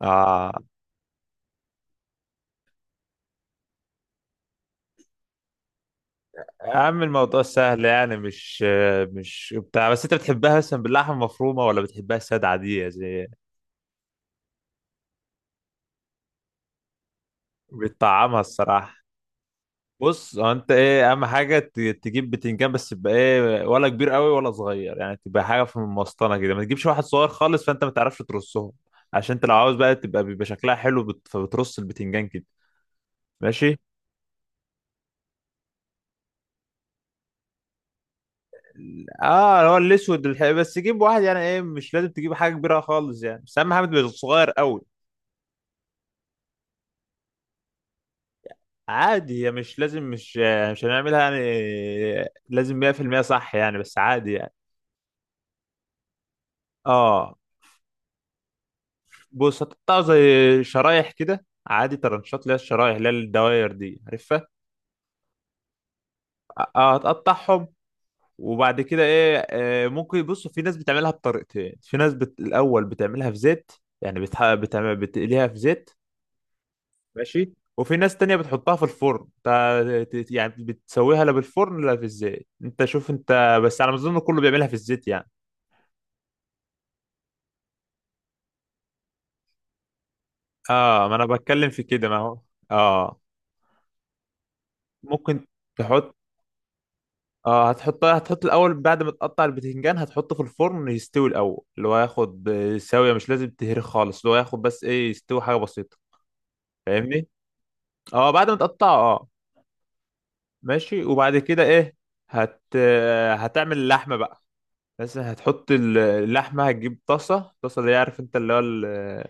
اه يا عم الموضوع سهل يعني مش بتاع، بس انت بتحبها مثلا باللحمه المفرومه ولا بتحبها ساده عاديه زي بتطعمها الصراحه. بص، هو انت ايه اهم حاجه تجيب بتنجان بس يبقى ايه، ولا كبير قوي ولا صغير، يعني تبقى حاجه في المسطنه كده، ما تجيبش واحد صغير خالص فانت ما تعرفش ترصهم. عشان انت لو عاوز بقى تبقى بيبقى شكلها حلو فبترص البتنجان كده. ماشي. اه، اللي هو الاسود بس جيب واحد، يعني ايه مش لازم تجيب حاجه كبيره خالص يعني، بس اهم حاجه تبقى صغير قوي. عادي، هي مش لازم مش هنعملها يعني لازم 100% صح يعني، بس عادي يعني. اه بص، هتقطع زي شرايح كده عادي، ترنشات اللي هي الشرايح اللي هي الدواير دي، عارفها. اه، هتقطعهم. وبعد كده ايه، ممكن بص، في ناس بتعملها بطريقتين، في ناس الاول بتعملها في زيت، يعني بتقليها في زيت. ماشي. وفي ناس تانية بتحطها في الفرن، انت يعني بتسويها لا بالفرن لا في الزيت، انت شوف انت، بس على ما اظن كله بيعملها في الزيت يعني. اه، ما انا بتكلم في كده ما هو. اه ممكن تحط اه هتحط، الاول بعد ما تقطع البتنجان هتحطه في الفرن يستوي الاول، اللي هو ياخد سويه، مش لازم تهري خالص، اللي هو ياخد بس ايه، يستوي حاجه بسيطه. فاهمني؟ اه بعد ما تقطعه اه. ماشي وبعد كده ايه، هت آه، هتعمل اللحمه بقى، بس هتحط اللحمه، هتجيب طاسه، طاسه اللي هي عارف انت اللي هو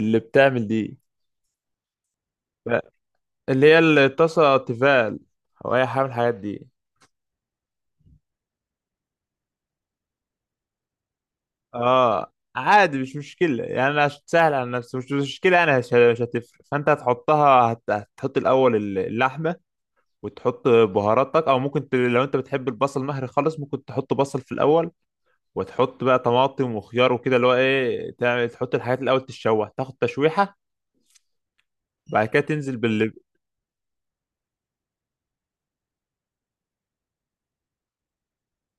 اللي بتعمل دي. لا، اللي هي الطاسه تيفال او اي حاجه من الحاجات دي. اه عادي مش مشكلة يعني، انا عشان سهل على نفسي، مش مشكلة انا، مش هتفرق. فانت هتحطها، هتحط الاول اللحمة، وتحط بهاراتك، او ممكن لو انت بتحب البصل مهري خالص ممكن تحط بصل في الاول، وتحط بقى طماطم وخيار وكده، اللي هو ايه تعمل تحط الحاجات الاول تتشوح، تاخد تشويحة. بعد كده تنزل بال.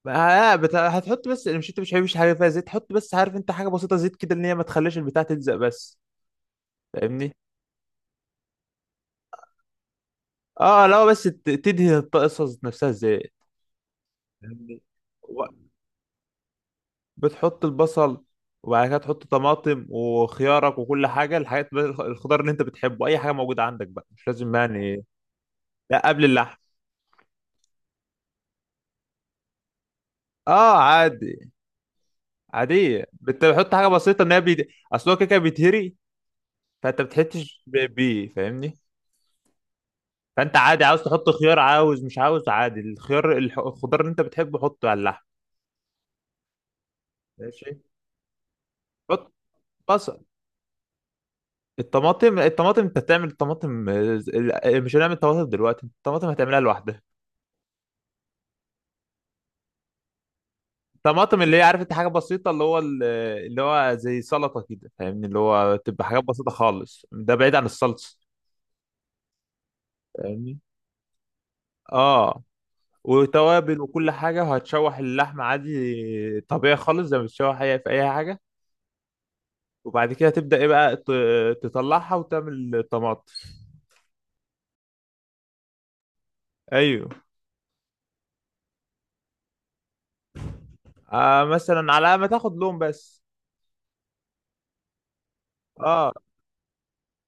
هتحط بس، مش انت مش حابب حاجة فيها زيت، حط بس عارف انت حاجة بسيطة زيت كده ان هي ما تخليش البتاع تلزق بس. فاهمني؟ اه لو بس تدهن الطاسه نفسها ازاي يعني. و- بتحط البصل، وبعد كده تحط طماطم وخيارك وكل حاجه، الخضار اللي انت بتحبه، اي حاجه موجوده عندك بقى مش لازم يعني. لا قبل اللحم. اه عادي. عاديه، بتحط حاجه بسيطه ان هي اصل هو كده كده بيتهري. فانت بتحطش بيه، فاهمني؟ فانت عادي، عاوز تحط خيار عاوز مش عاوز، عادي الخيار، الخضار اللي انت بتحبه حطه على اللحم. ماشي. حط بصل. الطماطم انت هتعمل الطماطم مش هنعمل طماطم دلوقتي، الطماطم هتعملها لوحدها. طماطم اللي هي عارف انت حاجه بسيطه اللي هو اللي هو زي سلطه كده، فاهمني؟ اللي هو تبقى حاجات بسيطه خالص، ده بعيد عن الصلصه. فاهمني؟ اه، وتوابل وكل حاجه، وهتشوح اللحمه عادي طبيعي خالص زي ما بتشوح اي في اي حاجه. وبعد كده تبدا ايه بقى، تطلعها وتعمل الطماطم. ايوه. آه مثلا على ما تاخد لون بس. اه.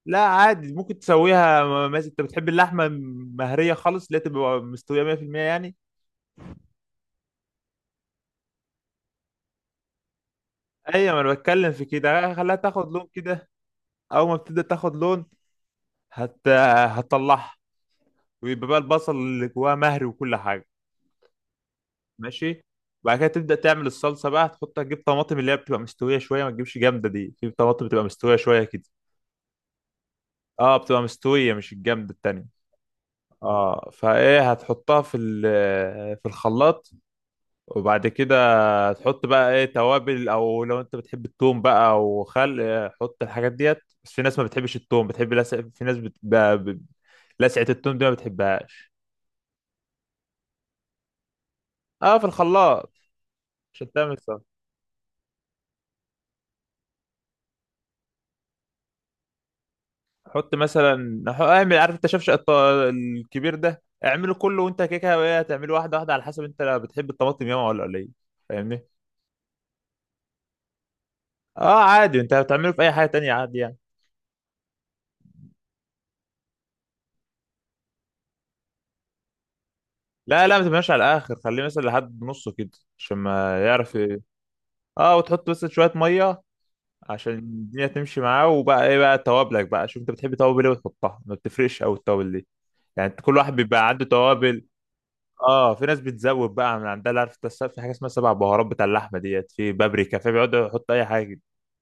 لا عادي ممكن تسويها، مثلا انت بتحب اللحمه مهريه خالص اللي هي تبقى مستويه 100% يعني. ايوه ما انا بتكلم في كده، خليها تاخد لون كده. اول ما بتبدا تاخد لون هت... هتطلعها، ويبقى بقى البصل اللي جواها مهري وكل حاجه. ماشي. بعد كده تبدا تعمل الصلصه بقى، هتحط تجيب طماطم اللي هي بتبقى مستويه شويه، ما تجيبش جامده، دي في طماطم بتبقى مستويه شويه كده. اه بتبقى مستويه مش الجامده التانية. اه فايه هتحطها في في الخلاط، وبعد كده هتحط بقى ايه توابل، او لو انت بتحب التوم بقى وخل حط الحاجات ديت. بس في ناس ما بتحبش التوم، بتحب لسع... في ناس بت... ب... ب... لسعة التوم دي ما بتحبهاش. اه في الخلاط. عشان تعمل صح، حط مثلا اعمل عارف انت شفشق الكبير ده اعمله كله، وانت كده كده هتعمله واحده واحده على حسب انت بتحب الطماطم ياما ولا قليل. فاهمني؟ اه عادي انت هتعمله في اي حاجه تانية عادي يعني. لا ما تبقاش على الاخر، خليه مثلا لحد نصه كده عشان ما يعرف ايه. اه، وتحط بس شويه ميه عشان الدنيا تمشي معاه. وبقى ايه بقى توابلك بقى، شوف انت بتحب توابل ايه وتحطها، ما بتفرقش قوي التوابل دي يعني، انت كل واحد بيبقى عنده توابل. اه في ناس بتزود بقى من عندها، اللي عارف انت في حاجه اسمها سبع بهارات بتاع اللحمه ديت، في بابريكا، في بيقعدوا يحطوا اي حاجه.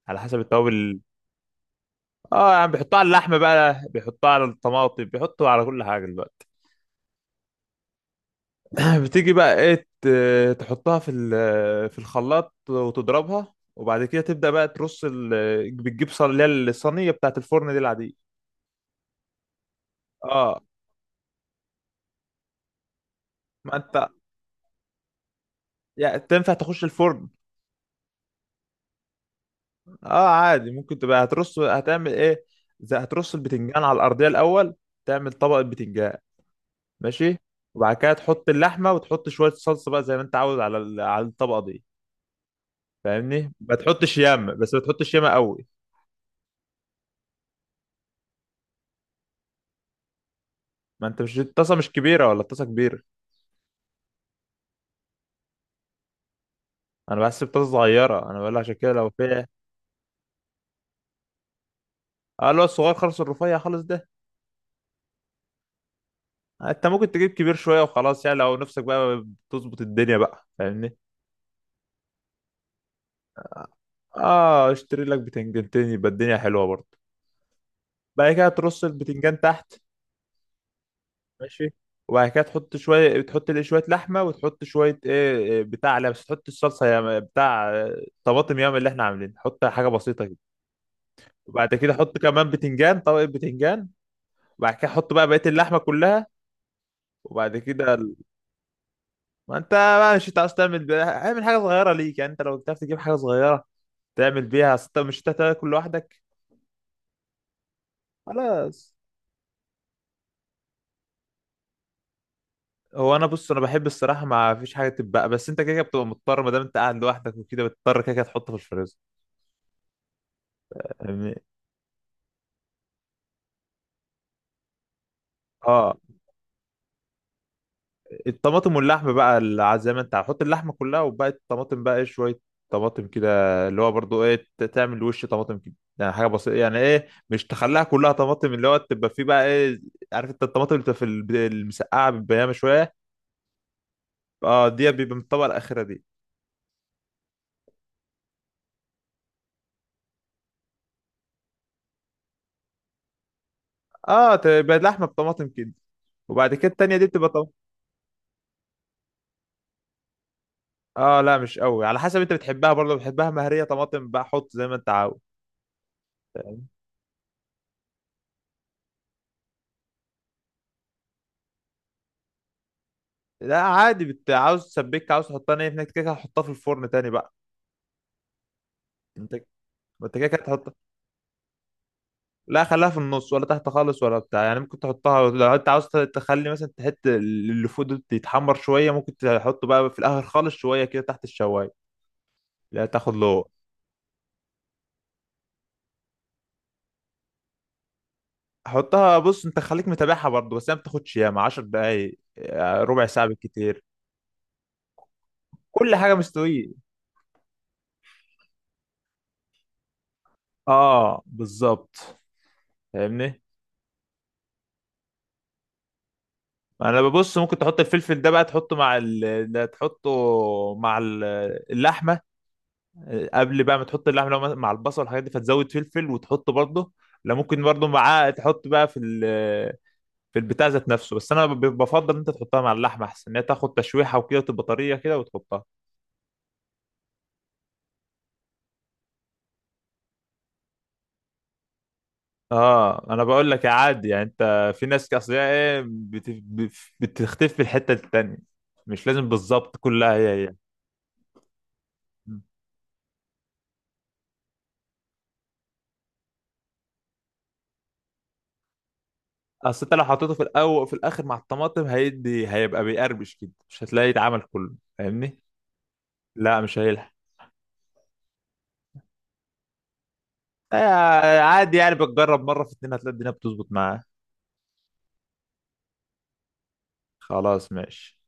على حسب التوابل. اه يعني بيحطوها على اللحمه بقى، بيحطوها على الطماطم، بيحطوا على كل حاجه دلوقتي. بتيجي بقى ايه تحطها في في الخلاط وتضربها، وبعد كده تبدا بقى ترص بتجيب صينيه، اللي هي الصينيه بتاعت الفرن دي العاديه. اه ما انت يعني تنفع تخش الفرن. اه عادي، ممكن تبقى هترص هتعمل ايه، زي هترص البتنجان على الارضيه الاول، تعمل طبق البتنجان. ماشي. وبعد كده تحط اللحمه وتحط شويه صلصه بقى زي ما انت عاوز على على الطبقه دي. فاهمني؟ ما تحطش ياما، بس ما تحطش ياما قوي. ما انت مش الطاسه مش كبيره، ولا الطاسه كبيره؟ انا بحسب طاسه صغيره، انا بقول عشان كده لو في. اه اللي هو الصغير خالص، الرفيع خالص ده. انت ممكن تجيب كبير شويه وخلاص يعني، لو نفسك بقى تظبط الدنيا بقى، فاهمني؟ اه اشتري لك بتنجانتين يبقى الدنيا حلوه برضه. بعد كده ترص البتنجان تحت. ماشي. وبعد كده تحط شويه، تحط ليه شويه لحمه وتحط شويه ايه إيه بتاع، لا بس تحط الصلصه يا بتاع طماطم ياما اللي احنا عاملين، حط حاجه بسيطه كده. وبعد كده حط كمان بتنجان، طبقه بتنجان، وبعد كده حط بقى بقيه اللحمه كلها. وبعد كده ما انت بقى مش هتعرف تعمل اعمل حاجه صغيره ليك يعني، انت لو بتعرف تجيب حاجه صغيره تعمل بيها، أصل انت مش هتاكل لوحدك. خلاص. هو انا بص انا بحب الصراحه ما فيش حاجه تتبقى، بس انت كده كده بتبقى مضطر ما دام انت قاعد لوحدك وكده، بتضطر كده كده تحطه في الفريزر. يعني. اه الطماطم واللحم بقى زي ما انت، هحط اللحمه كلها، وبقى الطماطم بقى ايه شويه طماطم كده، اللي هو برضو ايه تعمل وش طماطم كده يعني، حاجه بسيطه يعني ايه، مش تخليها كلها طماطم، اللي هو تبقى فيه بقى ايه، عارف انت الطماطم اللي بتبقى في المسقعه بالبيامه شويه. اه دي بيبقى من الطبقه الاخيره دي. اه تبقى لحمه بطماطم كده. وبعد كده التانيه دي بتبقى. اه لا مش قوي، على حسب انت بتحبها برضه، بتحبها مهريه طماطم بقى حط زي ما انت عاوز. فاهم؟ لا عادي عاوز تسبك عاوز تحطها نيه، هناك كده كده هتحطها في الفرن تاني بقى. انت ما انت كده كده هتحط. لا خليها في النص ولا تحت خالص ولا بتاع يعني، ممكن تحطها لو انت عاوز تخلي مثلا تحط اللي فوق ده يتحمر شويه ممكن تحطه بقى في الاخر خالص شويه كده تحت الشوايه. لا تاخد له. حطها بص انت خليك متابعها برضه، بس هي ما بتاخدش ياما 10 دقايق ربع ساعه بالكتير. كل حاجه مستويه. اه بالظبط. فاهمني؟ انا ببص ممكن تحط الفلفل ده بقى، تحطه مع ده تحطه مع اللحمه، قبل بقى ما تحط اللحمه لو مع البصل والحاجات دي فتزود فلفل وتحطه برضه. لا ممكن برضه معاه تحط بقى في في البتاع ذات نفسه، بس انا بفضل ان انت تحطها مع اللحمه احسن، ان هي تاخد تشويحه وكده وتبقى طريه كده وتحطها. اه انا بقول لك يا عادي يعني، انت في ناس اصل هي ايه بتختفي في الحته التانيه، مش لازم بالظبط كلها هي. اصل انت لو حطيته في الاول، في الاخر مع الطماطم هيدي هيبقى بيقرمش كده مش هتلاقي اتعمل كله، فاهمني؟ لا مش هيلحق. عادي يعني، بتجرب مره في اتنين هتلاقي الدنيا بتظبط معاه. خلاص ماشي.